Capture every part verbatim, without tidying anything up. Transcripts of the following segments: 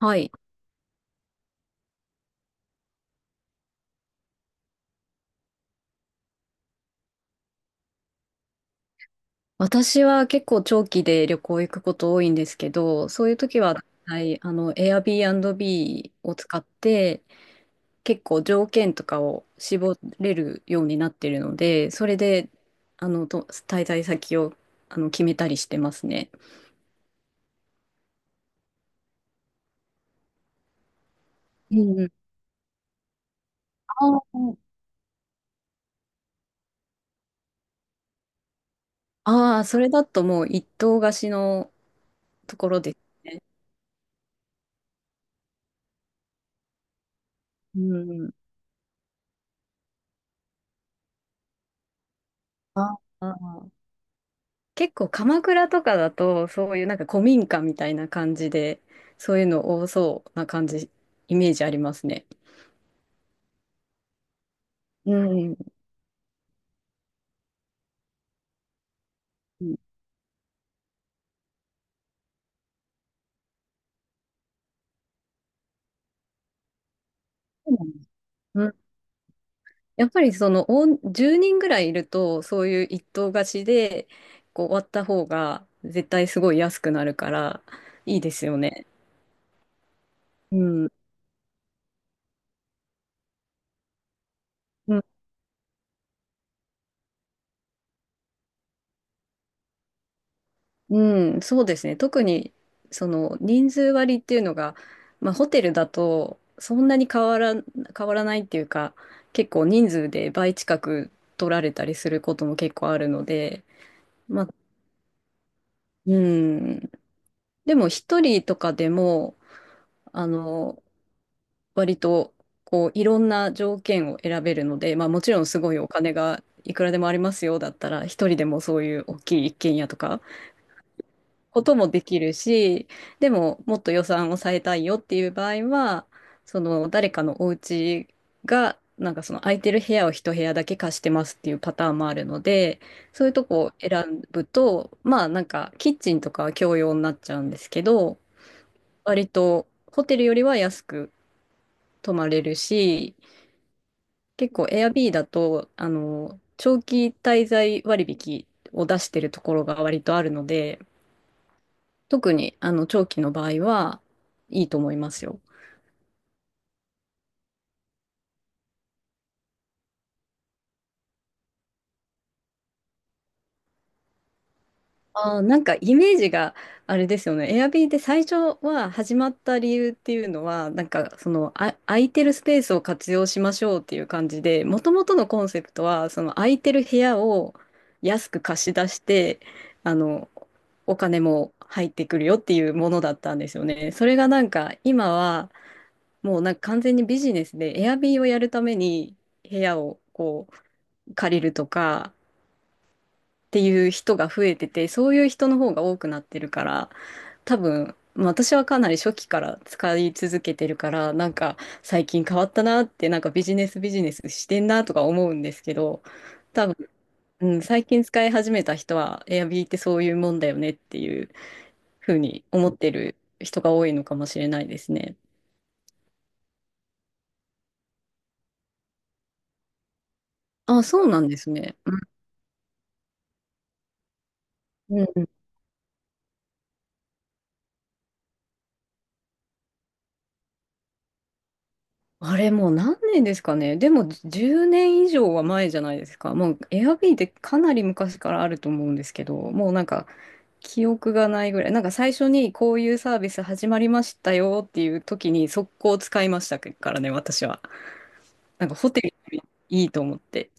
はい。私は結構長期で旅行行くこと多いんですけど、そういう時は、はい、あの、Airbnb を使って、結構条件とかを絞れるようになってるので、それで、あの、と、滞在先を、あの、決めたりしてますね。うんうん。あーあ、ー、それだともう一棟貸しのところですね。うんうん。ああ。結構鎌倉とかだとそういうなんか古民家みたいな感じでそういうの多そうな感じイメージありますね。うん。うん、やっぱりそのおじゅうにんぐらいいるとそういう一棟貸しでこう割った方が絶対すごい安くなるからいいですよね。うん。うん、そうですね。特に、その、人数割っていうのが、まあ、ホテルだと、そんなに変わら、変わらないっていうか、結構人数で倍近く取られたりすることも結構あるので、まあ、うん。でも、一人とかでも、あの、割と、こう、いろんな条件を選べるので、まあ、もちろんすごいお金がいくらでもありますよだったら、一人でもそういう大きい一軒家とか、こともできるし、でももっと予算を抑えたいよっていう場合は、その誰かのお家が、なんかその空いてる部屋を一部屋だけ貸してますっていうパターンもあるので、そういうとこを選ぶと、まあなんかキッチンとかは共用になっちゃうんですけど、割とホテルよりは安く泊まれるし、結構 Airbnb だと、あの、長期滞在割引を出してるところが割とあるので、特にあの長期の場合はいいと思いますよ。あー、なんかイメージがあれですよね。Airbnb で最初は始まった理由っていうのは、なんかそのあ空いてるスペースを活用しましょうっていう感じで、もともとのコンセプトはその空いてる部屋を安く貸し出して、あのお金も入ってくるよっていうものだったんですよね。それがなんか今はもうなんか完全にビジネスで Airbnb をやるために部屋をこう借りるとか、っていう人が増えてて、そういう人の方が多くなってるから、多分、まあ私はかなり初期から使い続けてるから、なんか最近変わったなって、なんかビジネスビジネスしてんなとか思うんですけど、多分、うん、最近使い始めた人は、エアビーってそういうもんだよねっていうふうに思ってる人が多いのかもしれないですね。あ、そうなんですね。うん、あれもう何年ですかね。でもじゅうねん以上は前じゃないですか。もう Airb ってかなり昔からあると思うんですけど、もうなんか記憶がないぐらい。なんか最初にこういうサービス始まりましたよっていう時に速攻使いましたからね、私は。なんかホテルよりいいと思って。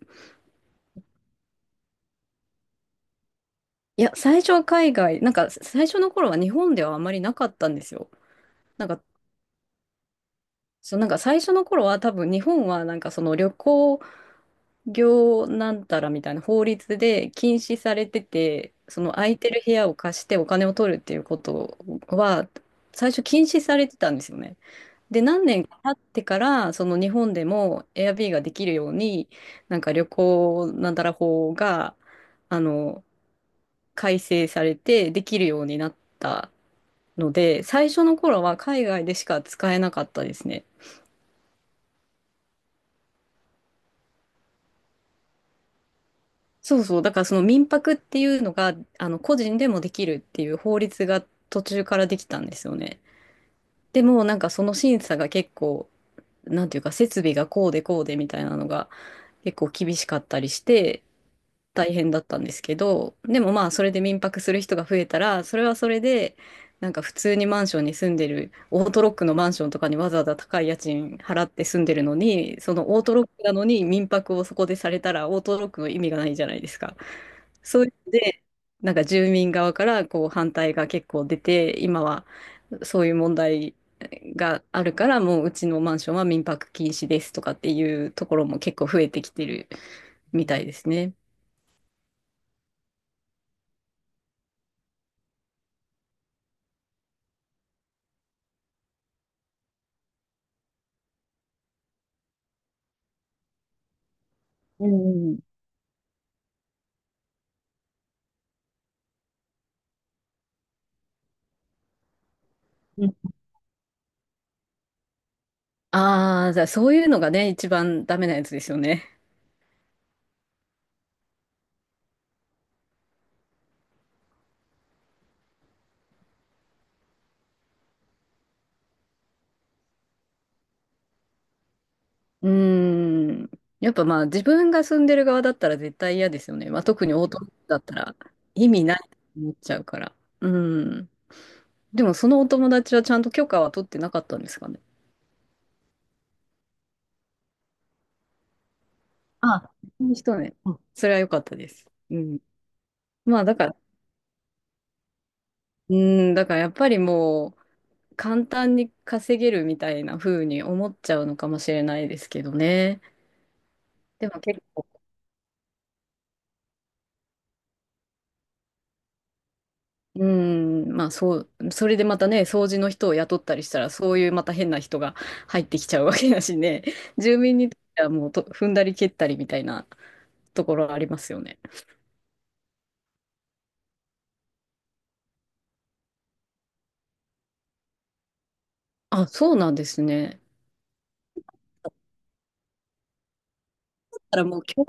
いや、最初は海外、なんか最初の頃は日本ではあまりなかったんですよ。なんか、そう、なんか最初の頃は多分日本はなんかその旅行、業なんたらみたいな法律で禁止されてて、その空いてる部屋を貸してお金を取るっていうことは、最初禁止されてたんですよね。で、何年か経ってから、その日本でも Airbnb ができるように、なんか旅行なんたら法が、あの、改正されてできるようになったので、最初の頃は海外でしか使えなかったですね。そうそう。だからその民泊っていうのが、あの、個人でもできるっていう法律が途中からできたんですよね。でも、なんかその審査が結構、なんていうか、設備がこうでこうでみたいなのが結構厳しかったりして、大変だったんですけど、でもまあそれで民泊する人が増えたら、それはそれで、なんか普通にマンションに住んでる、オートロックのマンションとかにわざわざ高い家賃払って住んでるのに、そのオートロックなのに民泊をそこでされたら、オートロックの意味がないじゃないですか。そういうので、なんか住民側からこう反対が結構出て、今はそういう問題があるから、もううちのマンションは民泊禁止ですとかっていうところも結構増えてきてるみたいですね。うんうん。ああ、じゃあそういうのがね、一番ダメなやつですよね。うーん。やっぱまあ自分が住んでる側だったら絶対嫌ですよね。まあ特にオートロックだったら意味ないと思っちゃうから。うん。でもそのお友達はちゃんと許可は取ってなかったんですかね。あ、そういう人ね。あ、それは良かったです。うん。まあだから、うん、だからやっぱりもう簡単に稼げるみたいな風に思っちゃうのかもしれないですけどね。でも結構うん、まあそう、それでまたね、掃除の人を雇ったりしたら、そういうまた変な人が入ってきちゃうわけだしね、住民にとってはもうと踏んだり蹴ったりみたいなところありますよね。あ、そうなんですね。だからもう共、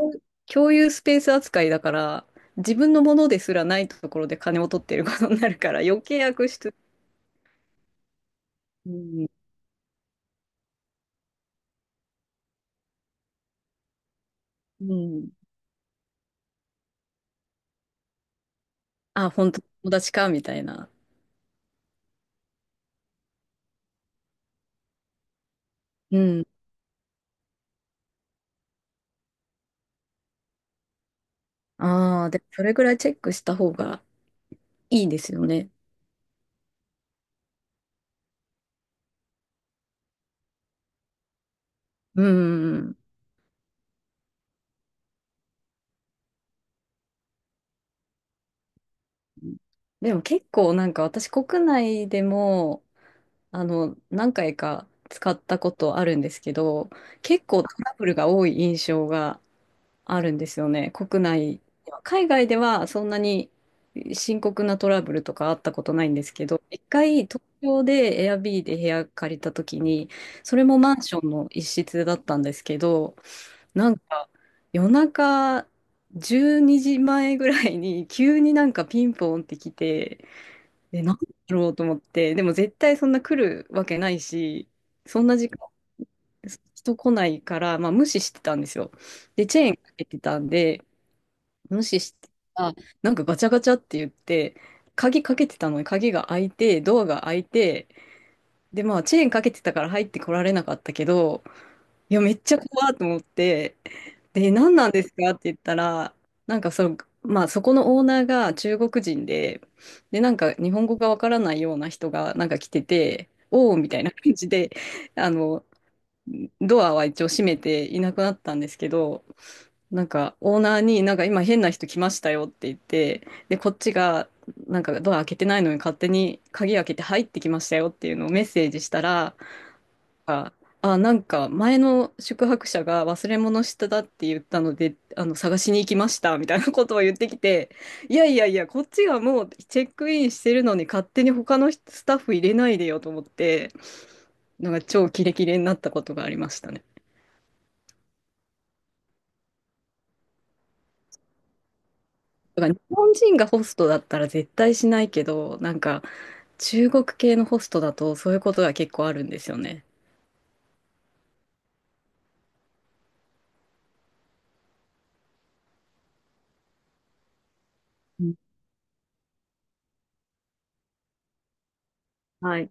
共有スペース扱いだから、自分のものですらないところで金を取ってることになるから、余計悪質。うん、うん。あ、本当友達か、みたいな。うん。ああ、で、それぐらいチェックした方がいいですよね。うん。でも結構なんか私国内でもあの何回か使ったことあるんですけど結構トラブルが多い印象があるんですよね。国内では。海外ではそんなに深刻なトラブルとかあったことないんですけど、一回東京で Airb で部屋借りた時に、それもマンションの一室だったんですけど、なんか夜中じゅうにじまえぐらいに急になんかピンポンって来て、でなんだろうと思って、でも絶対そんな来るわけないし、そんな時間人来ないから、まあ無視してたんですよ。で、チェーンかけてたんで、無視して、あ、なんかガチャガチャって言って、鍵かけてたのに鍵が開いて、ドアが開いて、で、まあ、チェーンかけてたから入ってこられなかったけど、いや、めっちゃ怖いと思って、で、何なんですかって言ったら、なんかその、まあ、そこのオーナーが中国人で、で、なんか日本語がわからないような人がなんか来てて、おおみたいな感じで、あの、ドアは一応閉めていなくなったんですけど、なんかオーナーになんか今変な人来ましたよって言って、で、こっちがなんかドア開けてないのに勝手に鍵開けて入ってきましたよっていうのをメッセージしたら、あ、あなんか前の宿泊者が忘れ物してたって言ったので、あの、探しに行きましたみたいなことを言ってきて、いやいやいや、こっちがもうチェックインしてるのに勝手に他のスタッフ入れないでよと思って、なんか超キレキレになったことがありましたね。だから日本人がホストだったら絶対しないけど、なんか中国系のホストだとそういうことが結構あるんですよね。うん、はい。